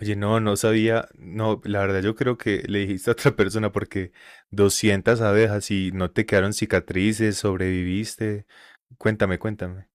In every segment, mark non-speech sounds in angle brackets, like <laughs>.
Oye, no, no sabía, no, la verdad yo creo que le dijiste a otra persona porque 200 abejas y no te quedaron cicatrices, sobreviviste. Cuéntame, cuéntame.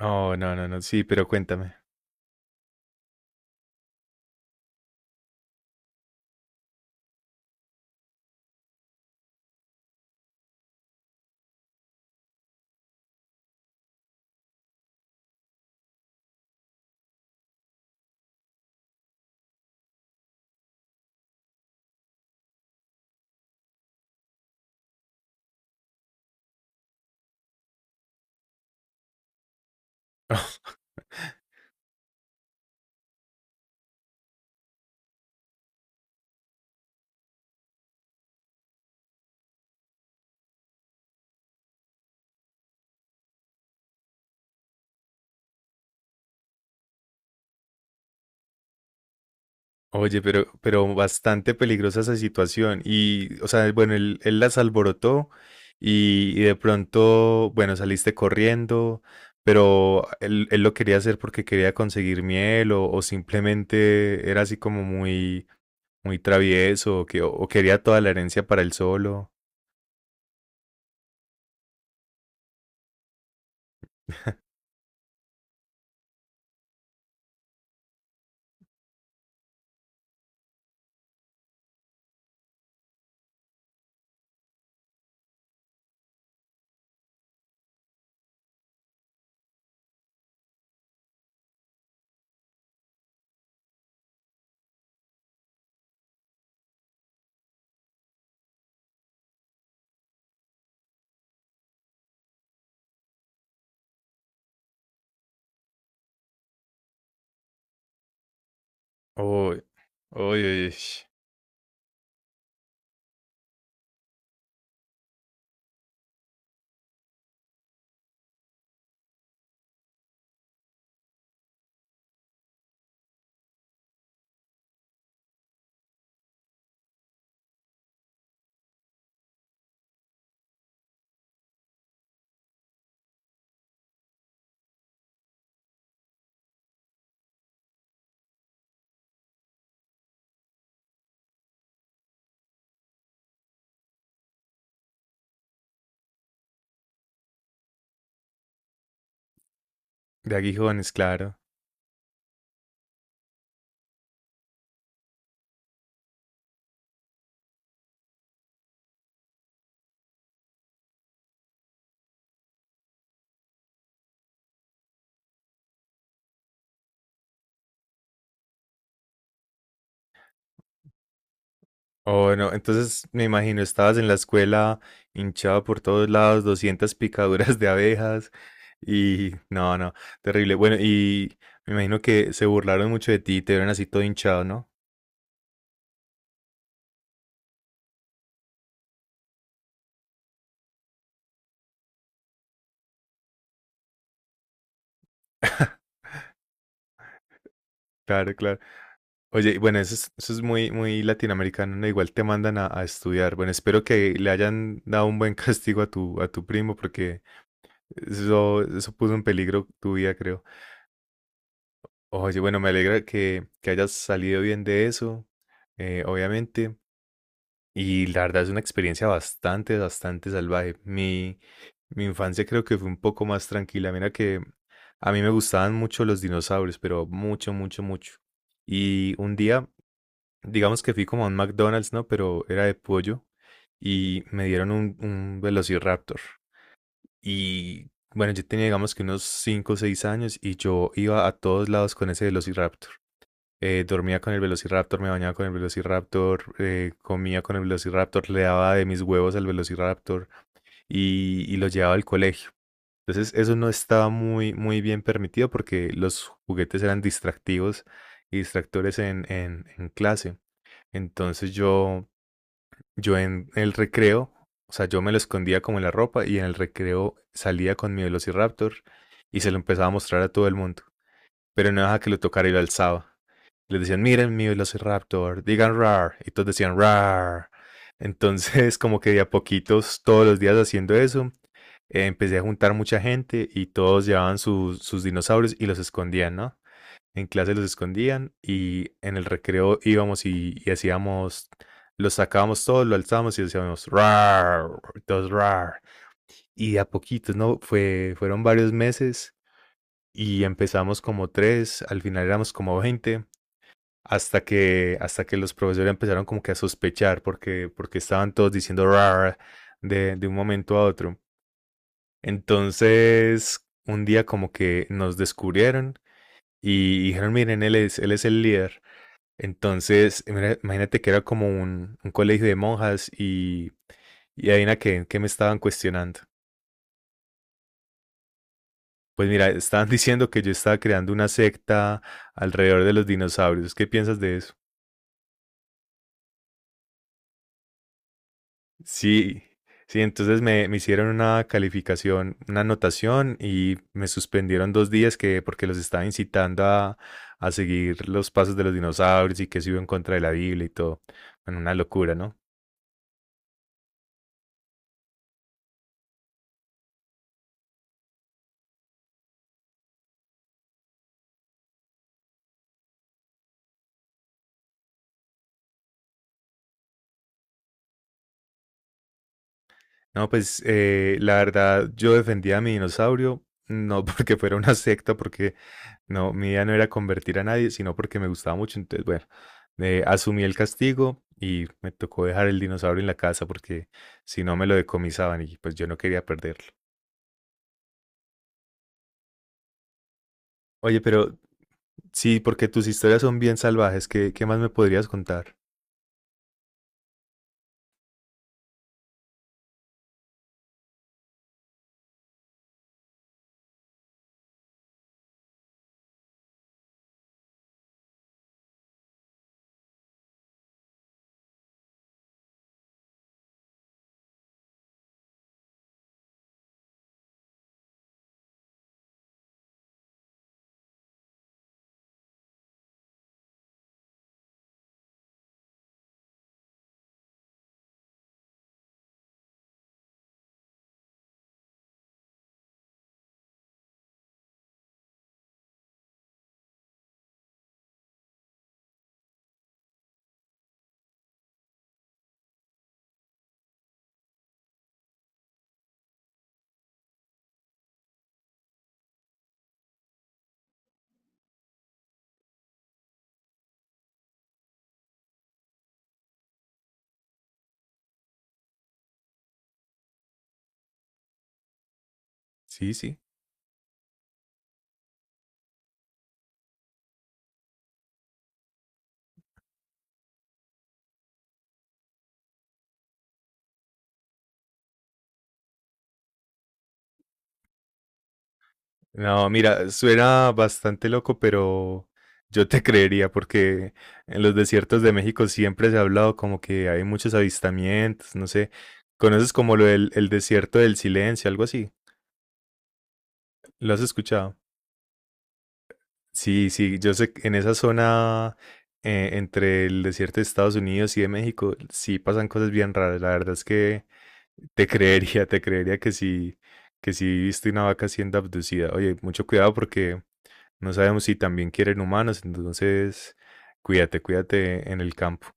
Oh, no, no, no, sí, pero cuéntame. <laughs> Oye, pero bastante peligrosa esa situación. Y, o sea, bueno, él las alborotó y de pronto, bueno, saliste corriendo, pero él lo quería hacer porque quería conseguir miel o simplemente era así como muy, muy travieso o, o quería toda la herencia para él solo. Uy, uy, uy. De aguijones, claro. Oh, no, entonces me imagino, estabas en la escuela hinchado por todos lados, 200 picaduras de abejas y no, no, terrible. Bueno, y me imagino que se burlaron mucho de ti, te vieron así todo hinchado, ¿no? Claro, claro. Oye, bueno, eso es muy, muy latinoamericano, ¿no? Igual te mandan a estudiar. Bueno, espero que le hayan dado un buen <laughs> castigo a tu primo porque eso puso en peligro tu vida, creo. Oye, bueno, me alegra que hayas salido bien de eso, obviamente. Y la verdad es una experiencia bastante, bastante salvaje. Mi infancia creo que fue un poco más tranquila. Mira que a mí me gustaban mucho los dinosaurios, pero mucho, mucho, mucho. Y un día, digamos que fui como a un McDonald's, ¿no? Pero era de pollo y me dieron un Velociraptor. Y bueno, yo tenía digamos que unos 5 o 6 años y yo iba a todos lados con ese Velociraptor. Dormía con el Velociraptor, me bañaba con el Velociraptor, comía con el Velociraptor, le daba de mis huevos al Velociraptor y lo llevaba al colegio. Entonces eso no estaba muy, muy bien permitido porque los juguetes eran distractivos y distractores en clase. Entonces yo en el recreo, o sea, yo me lo escondía como en la ropa y en el recreo salía con mi Velociraptor y se lo empezaba a mostrar a todo el mundo. Pero no dejaba que lo tocara y lo alzaba. Les decían: miren mi velociraptor, digan rar. Y todos decían rar. Entonces, <laughs> como que de a poquitos, todos los días haciendo eso, empecé a juntar mucha gente y todos llevaban sus, sus dinosaurios y los escondían, ¿no? En clase los escondían y en el recreo íbamos y hacíamos, los sacábamos todos, lo alzábamos y decíamos rar, todos rar. Y de a poquitos, ¿no? Fueron varios meses y empezamos como tres, al final éramos como 20 hasta que los profesores empezaron como que a sospechar porque, porque estaban todos diciendo rar de un momento a otro. Entonces, un día como que nos descubrieron y dijeron: miren, él es el líder. Entonces, mira, imagínate que era como un colegio de monjas y adivina qué, qué me estaban cuestionando. Pues mira, estaban <laughs> diciendo que yo estaba creando una secta alrededor de los dinosaurios. ¿Qué piensas de eso? Sí, sí, entonces me hicieron una calificación, una anotación y me suspendieron 2 días que porque los estaba incitando a seguir los pasos de los dinosaurios y que se iba en contra de la Biblia y todo. Bueno, una locura, ¿no? No, pues la verdad, yo defendía a mi dinosaurio, no <laughs> porque fuera una secta, porque no, mi idea no era convertir a nadie, sino porque me gustaba mucho. Entonces, bueno, asumí el castigo y me tocó dejar el dinosaurio en la casa porque si no me lo decomisaban y pues yo no quería perderlo. Oye, pero sí, porque tus historias son bien salvajes. ¿Qué, qué más me podrías contar? Sí, sí. No, mira, suena bastante loco, pero yo te <laughs> creería porque en los desiertos de México siempre se ha hablado como que hay muchos avistamientos, no sé. ¿Conoces como lo del el desierto del silencio, algo así? ¿Lo has escuchado? Sí, sí, yo sé que en esa zona entre el desierto de Estados Unidos y de México, sí pasan cosas bien raras. La verdad es que te <laughs> creería, te creería que sí viste una vaca siendo abducida. Oye, mucho cuidado porque no sabemos si también quieren humanos, entonces cuídate, cuídate en el campo.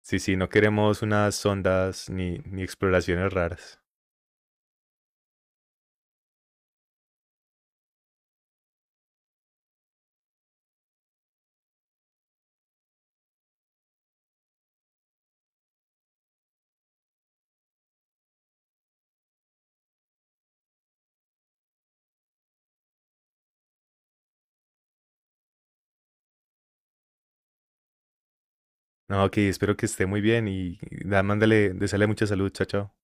Sí, sí, no queremos unas sondas ni exploraciones raras. No, ok, espero que esté muy bien y da, mándale, deseale mucha salud, chao, chao.